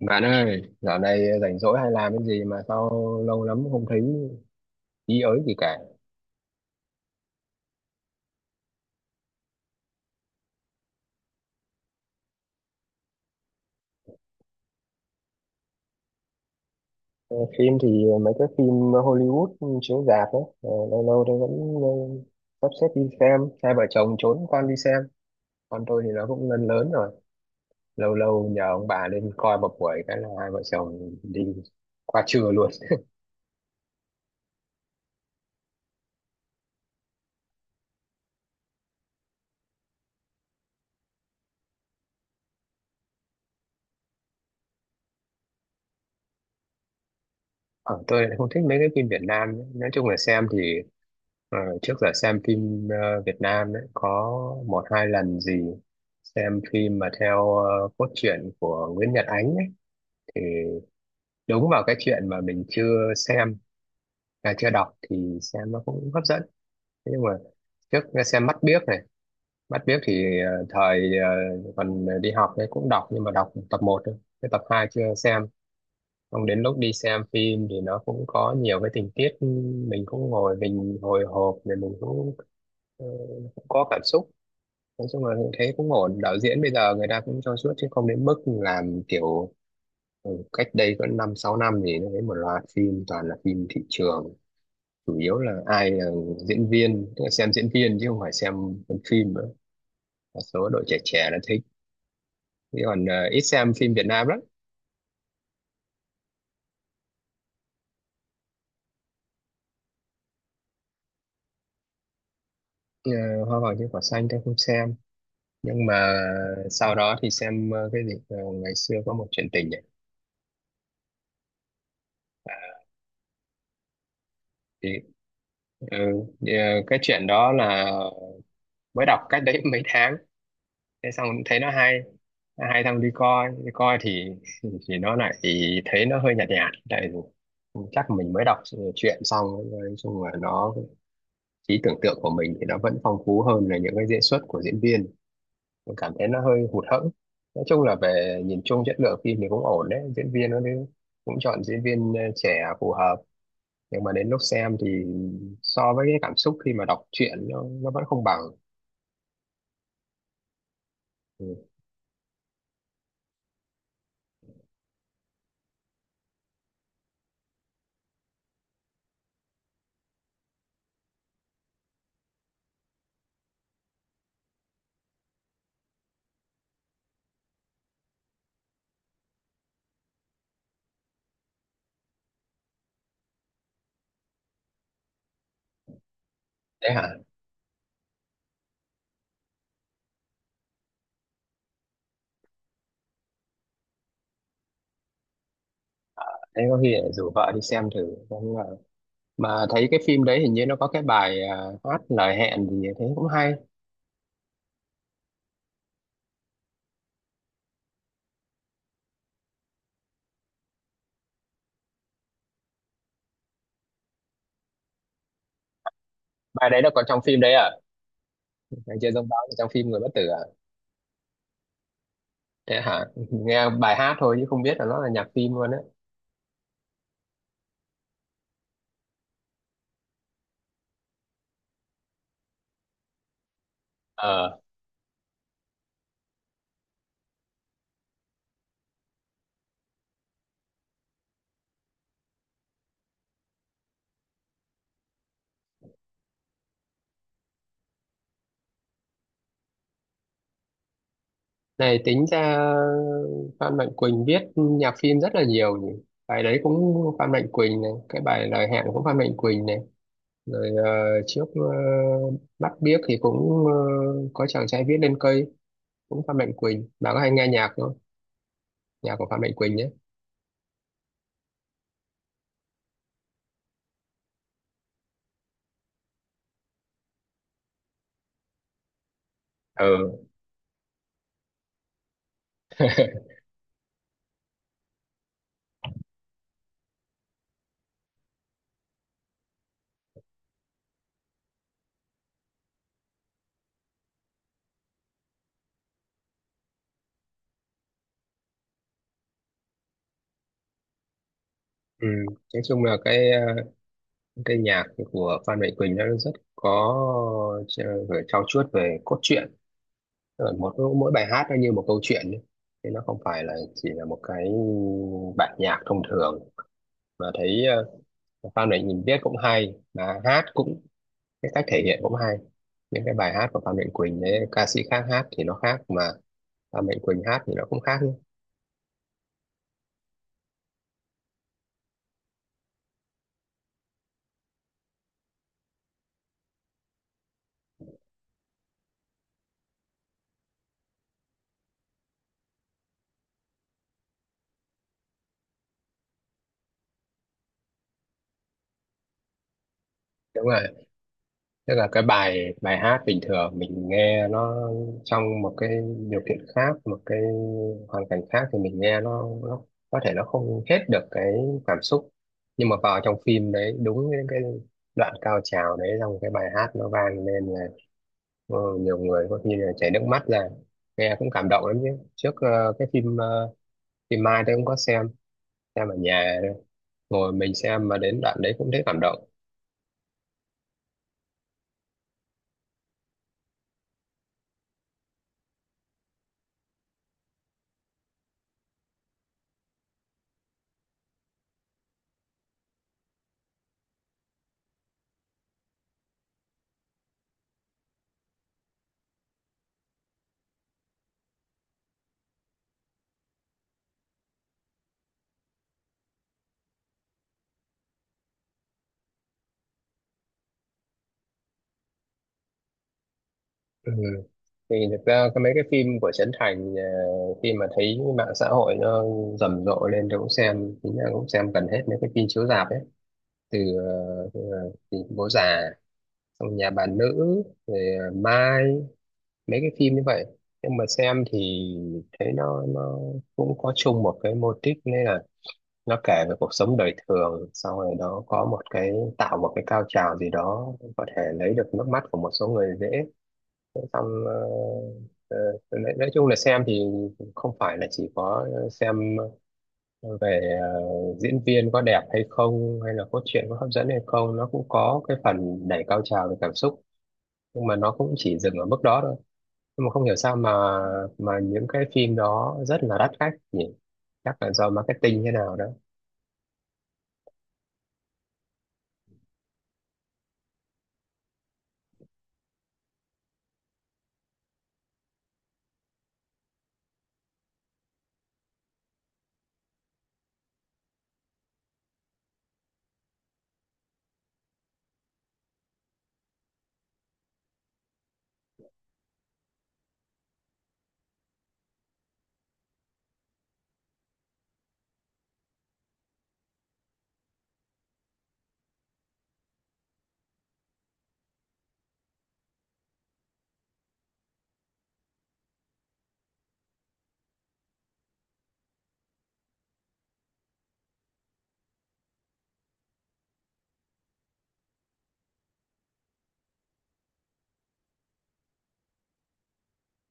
Bạn ơi, dạo này rảnh rỗi hay làm cái gì mà sao lâu lắm không thấy ý ới gì cả. Ờ, Phim thì mấy cái phim Hollywood chiếu rạp ấy, lâu lâu tôi vẫn ờ, sắp xếp đi xem, hai vợ chồng trốn con đi xem. Con tôi thì nó cũng lớn lớn rồi, lâu lâu nhờ ông bà lên coi một buổi cái là hai vợ chồng đi qua trưa luôn. Ờ, tôi lại không thích mấy cái phim Việt Nam ấy. Nói chung là xem thì trước giờ xem phim Việt Nam ấy, có một hai lần gì xem phim mà theo cốt truyện của Nguyễn Nhật Ánh ấy, thì đúng vào cái chuyện mà mình chưa xem à, chưa đọc thì xem nó cũng hấp dẫn. Thế nhưng mà trước xem Mắt Biếc này, Mắt Biếc thì thời còn đi học ấy cũng đọc nhưng mà đọc tập một thôi, cái tập 2 chưa xem. Xong đến lúc đi xem phim thì nó cũng có nhiều cái tình tiết, mình cũng ngồi mình hồi hộp rồi mình cũng, ờ, cũng có cảm xúc. Nói chung là thấy cũng ổn, đạo diễn bây giờ người ta cũng cho suốt chứ không đến mức làm kiểu cách đây có năm sáu năm thì nó thấy một loạt phim toàn là phim thị trường, chủ yếu là ai là diễn viên, tức là xem diễn viên chứ không phải xem phần phim nữa, một số đội trẻ trẻ nó thích, chứ còn ít xem phim Việt Nam lắm. Ờ, Hoa vàng trên cỏ xanh tôi không xem, nhưng mà sau đó thì xem cái gì ngày xưa có một chuyện tình ấy. thì ừ, thì, cái chuyện đó là mới đọc cách đấy mấy tháng, thế xong thấy nó hay. Nó hay thằng đi coi, đi coi thì thì nó lại thấy nó hơi nhạt nhạt, tại vì chắc mình mới đọc chuyện xong. Nói chung là nó, trí tưởng tượng của mình thì nó vẫn phong phú hơn là những cái diễn xuất của diễn viên, mình cảm thấy nó hơi hụt hẫng. Nói chung là về nhìn chung chất lượng phim thì cũng ổn đấy, diễn viên nó đấy cũng chọn diễn viên trẻ phù hợp, nhưng mà đến lúc xem thì so với cái cảm xúc khi mà đọc truyện nó vẫn không bằng. Ừ. Thế hả? Thế có khi lại rủ vợ đi xem thử. Không ngờ mà thấy cái phim đấy hình như nó có cái bài hát Lời Hẹn gì thế cũng hay. Bài đấy nó có trong phim đấy à? Ngày Chưa Giống Báo là trong phim Người Bất Tử à? Thế hả? Nghe bài hát thôi chứ không biết là nó là nhạc phim luôn á. Ờ. Này tính ra Phan Mạnh Quỳnh viết nhạc phim rất là nhiều nhỉ. Bài đấy cũng Phan Mạnh Quỳnh này, cái bài Lời Hẹn cũng Phan Mạnh Quỳnh này. Rồi trước Bắt Biếc thì cũng có Chàng Trai Viết Lên Cây cũng Phan Mạnh Quỳnh. Bà có hay nghe nhạc không? Nhạc của Phan Mạnh Quỳnh nhé. Ừ. Ừ. Nói chung là cái nhạc của Phan Mạnh Quỳnh nó rất có, phải trau chuốt về cốt truyện. Tức là mỗi mỗi bài hát nó như một câu chuyện ấy. Thế nó không phải là chỉ là một cái bản nhạc thông thường, mà thấy Phan Mạnh Quỳnh viết cũng hay mà hát cũng, cái cách thể hiện cũng hay, những cái bài hát của Phan Mạnh Quỳnh đấy ca sĩ khác hát thì nó khác, mà Phan Mạnh Quỳnh hát thì nó cũng khác. Đúng rồi. Tức là cái bài, bài hát bình thường mình nghe nó trong một cái điều kiện khác, một cái hoàn cảnh khác thì mình nghe nó có thể nó không hết được cái cảm xúc. Nhưng mà vào trong phim đấy, đúng những cái đoạn cao trào đấy trong cái bài hát nó vang lên là nhiều người có khi là chảy nước mắt ra. Nghe cũng cảm động lắm chứ. Trước cái phim phim Mai tôi cũng có xem ở nhà thôi. Ngồi mình xem mà đến đoạn đấy cũng thấy cảm động. Ừ. Thì thực ra mấy cái phim của Trấn Thành, khi mà thấy mạng xã hội nó rầm rộ lên tôi cũng xem, chính là cũng xem gần hết mấy cái phim chiếu rạp ấy, từ, thì Bố Già, xong Nhà Bà Nữ, rồi Mai, mấy cái phim như vậy. Nhưng mà xem thì thấy nó cũng có chung một cái mô típ, nên là nó kể về cuộc sống đời thường, xong rồi nó có một cái, tạo một cái cao trào gì đó có thể lấy được nước mắt của một số người dễ, xong ờ, nói chung là xem thì không phải là chỉ có xem về diễn viên có đẹp hay không hay là cốt truyện có hấp dẫn hay không, nó cũng có cái phần đẩy cao trào về cảm xúc, nhưng mà nó cũng chỉ dừng ở mức đó thôi. Nhưng mà không hiểu sao mà những cái phim đó rất là đắt khách nhỉ, chắc là do marketing thế nào đó.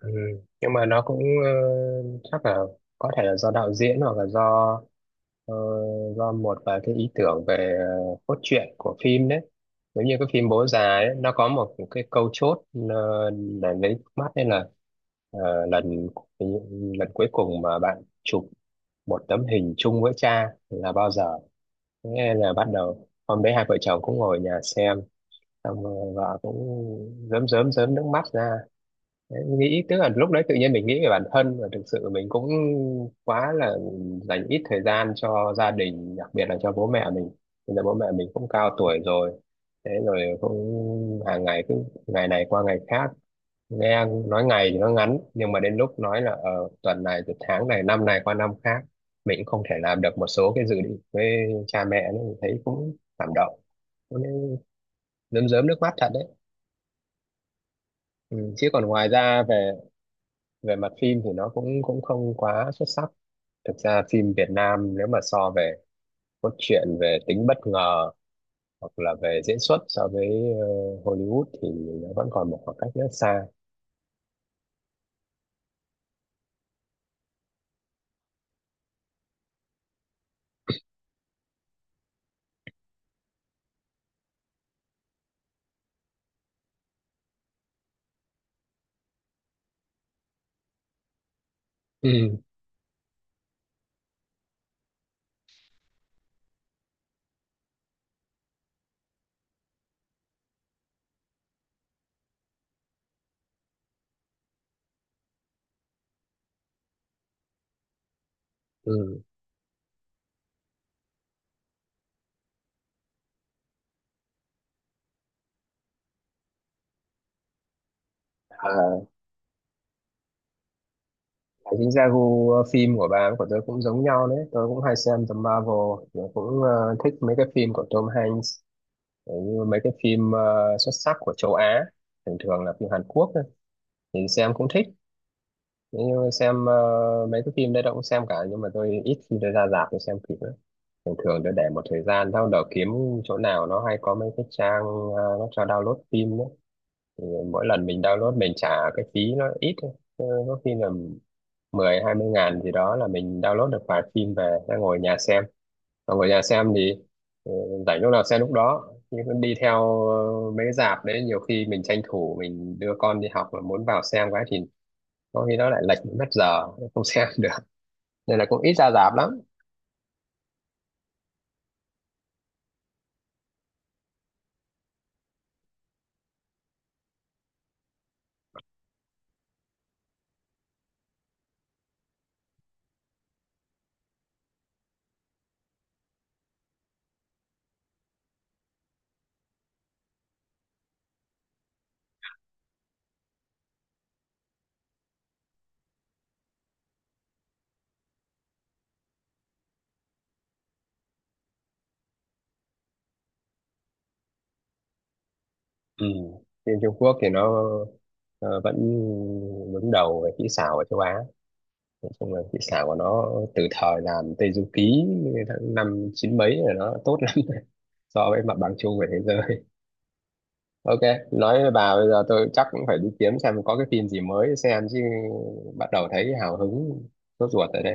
Ừ. Nhưng mà nó cũng ờ, chắc là có thể là do đạo diễn hoặc là ờ, do một vài cái ý tưởng về cốt truyện của phim đấy. Giống như cái phim Bố Già ấy, nó có một cái câu chốt ờ, để lấy nước mắt, nên là ờ, lần lần cuối cùng mà bạn chụp một tấm hình chung với cha là bao giờ? Thế nên là bắt đầu hôm đấy hai vợ chồng cũng ngồi ở nhà xem, xong rồi vợ cũng rớm rớm rớm nước mắt ra. Đấy, nghĩ, tức là lúc đấy tự nhiên mình nghĩ về bản thân và thực sự mình cũng quá là dành ít thời gian cho gia đình, đặc biệt là cho bố mẹ mình, bây giờ bố mẹ mình cũng cao tuổi rồi, thế rồi cũng hàng ngày cứ ngày này qua ngày khác, nghe nói ngày thì nó ngắn nhưng mà đến lúc nói là tuần này từ tháng này, năm này qua năm khác mình cũng không thể làm được một số cái dự định với cha mẹ nữa, mình thấy cũng cảm động, cũng nên rơm rớm nước mắt thật đấy. Ừ. Chứ còn ngoài ra về về mặt phim thì nó cũng cũng không quá xuất sắc. Thực ra phim Việt Nam nếu mà so về cốt truyện, về tính bất ngờ hoặc là về diễn xuất so với ờ, Hollywood thì nó vẫn còn một khoảng cách rất xa. Ừ ừ. À, chính ra gu phim của bà với của tôi cũng giống nhau đấy, tôi cũng hay xem The Marvel, tôi cũng thích mấy cái phim của Tom Hanks, cũng như mấy cái phim xuất sắc của châu Á, thường thường là phim Hàn Quốc ấy, thì xem cũng thích. Nếu như xem mấy cái phim đấy tôi cũng xem cả, nhưng mà tôi ít khi tôi ra rạp tôi xem kịp lắm. Thường thường tôi để một thời gian sau đó kiếm chỗ nào nó hay, có mấy cái trang nó cho download phim đó. Thì mỗi lần mình download mình trả cái phí nó ít thôi. Có khi là mười hai mươi ngàn gì đó là mình download được vài phim về ra ngồi nhà xem. Mà ngồi nhà xem thì ờ, rảnh lúc nào xem lúc đó. Nhưng mà đi theo mấy cái rạp đấy nhiều khi mình tranh thủ mình đưa con đi học mà muốn vào xem cái thì có khi nó lại lệch mất giờ không xem được, nên là cũng ít ra rạp lắm. Ừ. Phim Trung Quốc thì nó vẫn đứng đầu về kỹ xảo ở châu Á, nói chung là kỹ xảo của nó từ thời làm Tây Du Ký tháng năm chín mấy là nó tốt lắm so với mặt bằng chung của thế giới. OK, nói với bà bây giờ tôi chắc cũng phải đi kiếm xem có cái phim gì mới xem chứ, bắt đầu thấy hào hứng, sốt ruột rồi đây.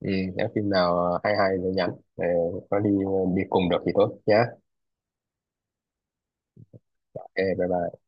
ừ, nếu phim nào hay hay thì nhắn. Ờ, có đi đi cùng được thì tốt nhé. OK bye bye.